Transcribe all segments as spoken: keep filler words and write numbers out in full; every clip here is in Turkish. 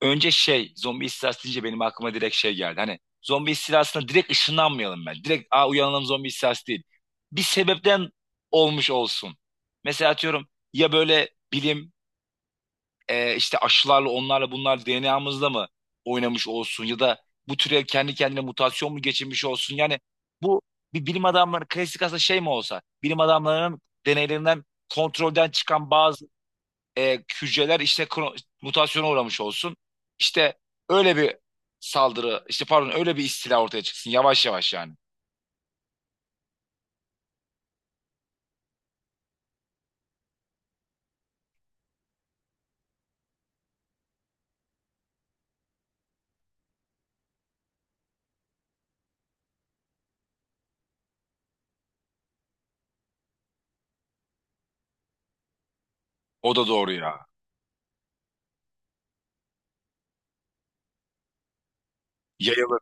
Önce şey zombi istilası deyince benim aklıma direkt şey geldi. Hani zombi istilasına direkt ışınlanmayalım ben. Direkt aa uyanalım, zombi istilası değil. Bir sebepten olmuş olsun. Mesela atıyorum ya, böyle bilim e, işte aşılarla onlarla bunlar D N A'mızla mı oynamış olsun, ya da bu türe kendi kendine mutasyon mu geçirmiş olsun. Yani bu bir bilim adamları klasik, aslında şey mi olsa bilim adamlarının deneylerinden kontrolden çıkan bazı e, hücreler işte mutasyona uğramış olsun. İşte öyle bir saldırı, işte pardon öyle bir istila ortaya çıksın yavaş yavaş yani. O da doğru ya. Yayılır.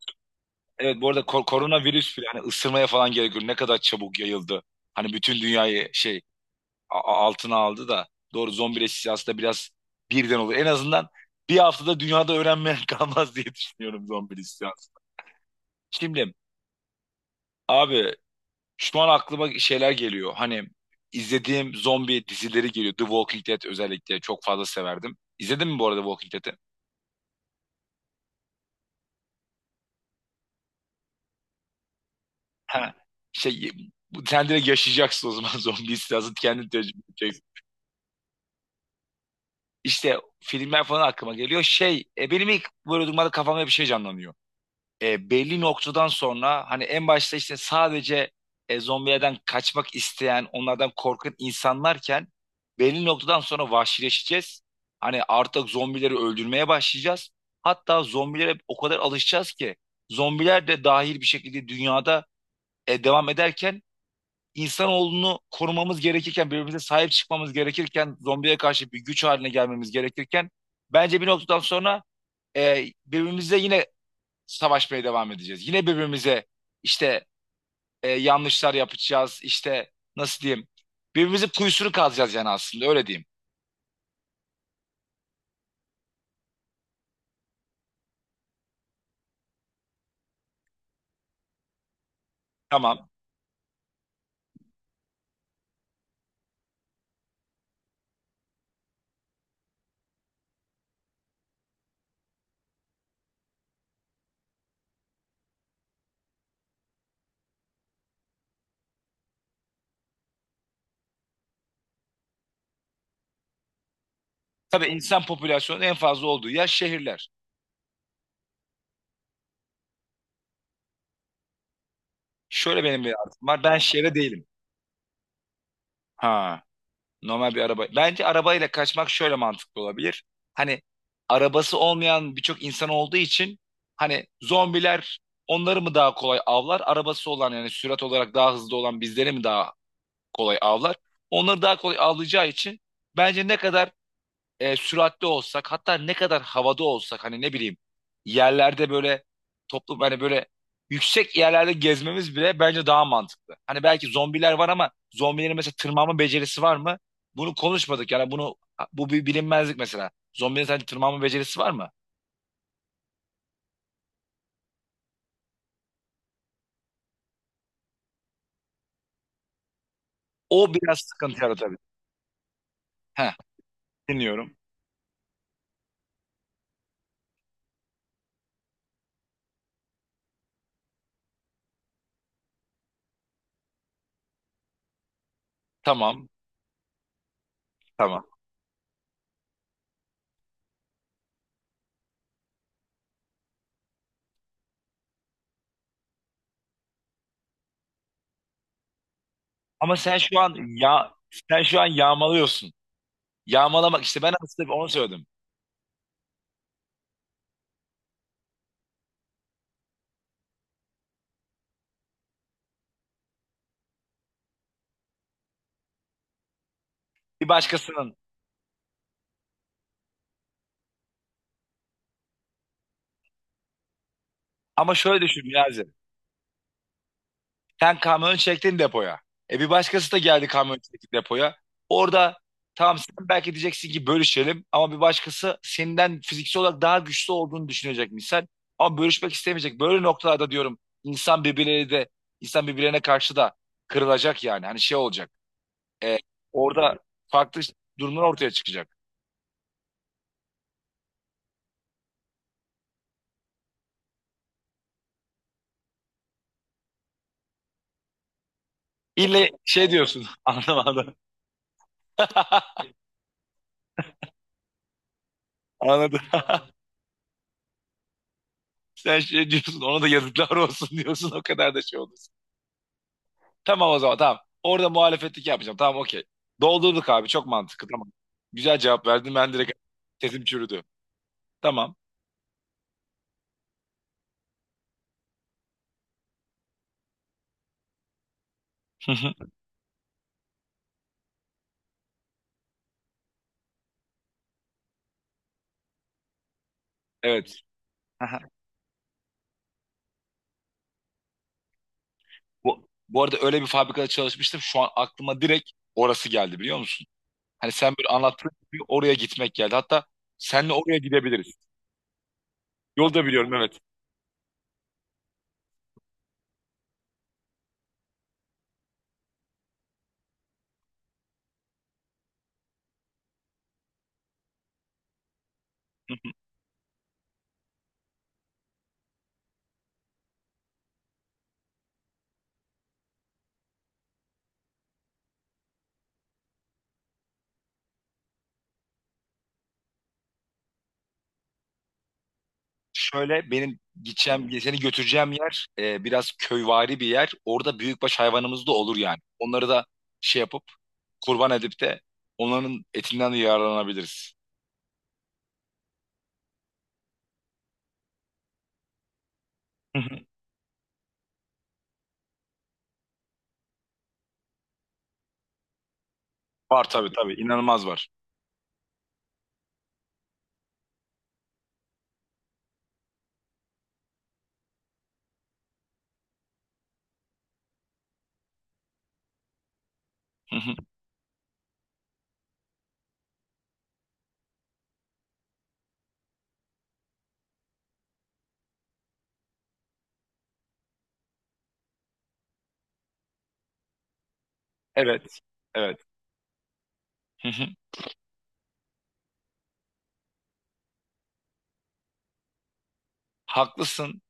Evet bu arada ko- koronavirüs bile hani ısırmaya falan gerek yok. Ne kadar çabuk yayıldı. Hani bütün dünyayı şey a- a- altına aldı da doğru, zombileşmesi aslında biraz birden olur. En azından bir haftada dünyada öğrenmeyen kalmaz diye düşünüyorum zombi istilası. Şimdi abi, şu an aklıma şeyler geliyor. Hani izlediğim zombi dizileri geliyor. The Walking Dead özellikle çok fazla severdim. İzledin mi bu arada Walking Dead'i? Ha. Şey, bu- sen direkt yaşayacaksın o zaman, zombi istilası kendin tecrübe edeceksin. İşte filmler falan aklıma geliyor. Şey, e, benim ilk böyle durumlarda kafamda bir şey canlanıyor. E, belli noktadan sonra hani, en başta işte sadece e, zombilerden kaçmak isteyen, onlardan korkan insanlarken, belli noktadan sonra vahşileşeceğiz. Hani artık zombileri öldürmeye başlayacağız. Hatta zombilere o kadar alışacağız ki, zombiler de dahil bir şekilde dünyada e, devam ederken, insanoğlunu korumamız gerekirken, birbirimize sahip çıkmamız gerekirken, zombiye karşı bir güç haline gelmemiz gerekirken, bence bir noktadan sonra e, birbirimize yine savaşmaya devam edeceğiz. Yine birbirimize işte e, yanlışlar yapacağız. İşte nasıl diyeyim? Birbirimizin kuyusunu kazacağız yani, aslında öyle diyeyim. Tamam. Tabii insan popülasyonunun en fazla olduğu yer şehirler. Şöyle, benim bir artım var. Ben şehre değilim. Ha, normal bir araba. Bence arabayla kaçmak şöyle mantıklı olabilir. Hani arabası olmayan birçok insan olduğu için hani zombiler onları mı daha kolay avlar? Arabası olan, yani sürat olarak daha hızlı olan bizleri mi daha kolay avlar. Onları daha kolay avlayacağı için bence ne kadar e, süratli olsak, hatta ne kadar havada olsak, hani ne bileyim, yerlerde böyle toplum, hani böyle yüksek yerlerde gezmemiz bile bence daha mantıklı. Hani belki zombiler var ama zombilerin mesela tırmanma becerisi var mı? Bunu konuşmadık yani, bunu bu bir bilinmezlik mesela. Zombilerin sadece tırmanma becerisi var mı? O biraz sıkıntı yaratabilir. Heh, dinliyorum. Tamam, tamam. Ama sen şu an, ya sen şu an yağmalıyorsun. Yağmalamak işte, ben aslında onu söyledim. Bir başkasının, ama şöyle düşün Niyazi. Sen kamyon çektin depoya. E bir başkası da geldi, kamyon çekti depoya. Orada, tamam, sen belki diyeceksin ki bölüşelim, ama bir başkası senden fiziksel olarak daha güçlü olduğunu düşünecek misal. Ama bölüşmek istemeyecek. Böyle noktalarda diyorum, insan birbirleri de insan birbirlerine karşı da kırılacak yani. Hani şey olacak. E, orada farklı durumlar ortaya çıkacak. İlle şey diyorsun. Anlamadım. Anladım. Sen şey diyorsun, ona da yazıklar olsun diyorsun, o kadar da şey olursun. Tamam, o zaman tamam. Orada muhalefetlik yapmayacağım. Tamam, okey. Doldurduk abi, çok mantıklı, tamam. Güzel cevap verdin, ben direkt sesim çürüdü. Tamam. Evet. Aha. Bu, bu arada öyle bir fabrikada çalışmıştım. Şu an aklıma direkt orası geldi, biliyor musun? Hani sen böyle anlattığın gibi oraya gitmek geldi. Hatta senle oraya gidebiliriz. Yolda biliyorum, evet. Şöyle, benim gideceğim, seni götüreceğim yer e, biraz köyvari bir yer. Orada büyükbaş hayvanımız da olur yani. Onları da şey yapıp, kurban edip de onların etinden de yararlanabiliriz. Hı hı. Var tabii tabii, inanılmaz var. Hı hı. Evet. Evet. Hı hı. Haklısın.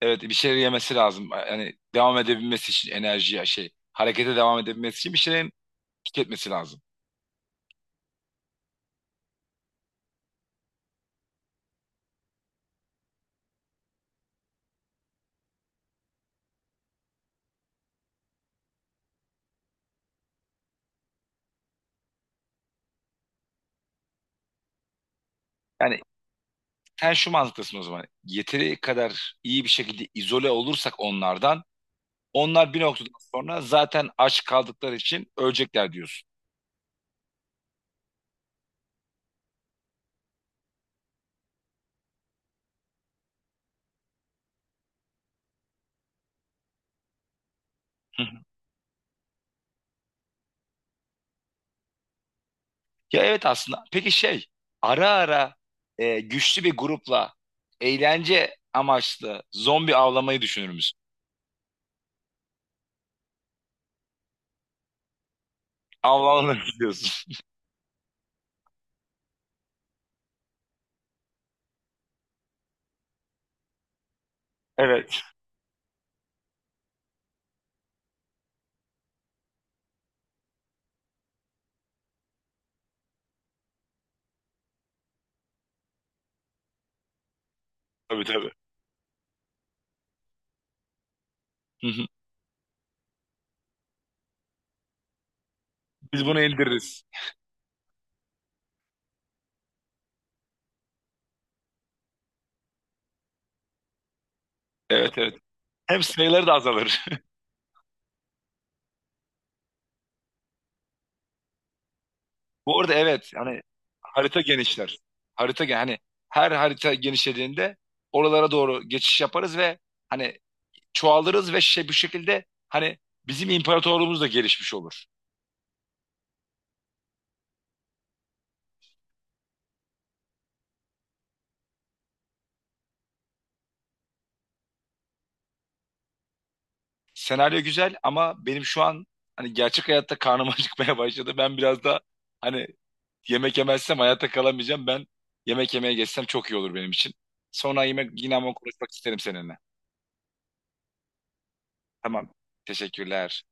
Evet, bir şeyler yemesi lazım. Yani devam edebilmesi için enerjiye, şey, harekete devam edebilmesi için bir şeylerin tüketmesi lazım. Yani sen şu mantıktasın o zaman. Yeteri kadar iyi bir şekilde izole olursak onlardan, onlar bir noktadan sonra zaten aç kaldıkları için ölecekler diyorsun. Hı hı. Ya evet, aslında. Peki şey, ara ara e, güçlü bir grupla eğlence amaçlı zombi avlamayı düşünür müsün? Avlanırız diyorsun. Evet. Tabii tabii. Hı hı. Biz bunu indiririz. Evet evet. Hem sayıları da azalır. Bu arada evet, hani harita genişler. Harita gen hani her harita genişlediğinde oralara doğru geçiş yaparız ve hani çoğalırız ve şey, bu şekilde hani bizim imparatorluğumuz da gelişmiş olur. Senaryo güzel, ama benim şu an, hani gerçek hayatta karnım acıkmaya başladı. Ben biraz da, hani, yemek yemezsem hayatta kalamayacağım. Ben yemek yemeye geçsem çok iyi olur benim için. Sonra yemek, yine ama konuşmak isterim seninle. Tamam. Teşekkürler.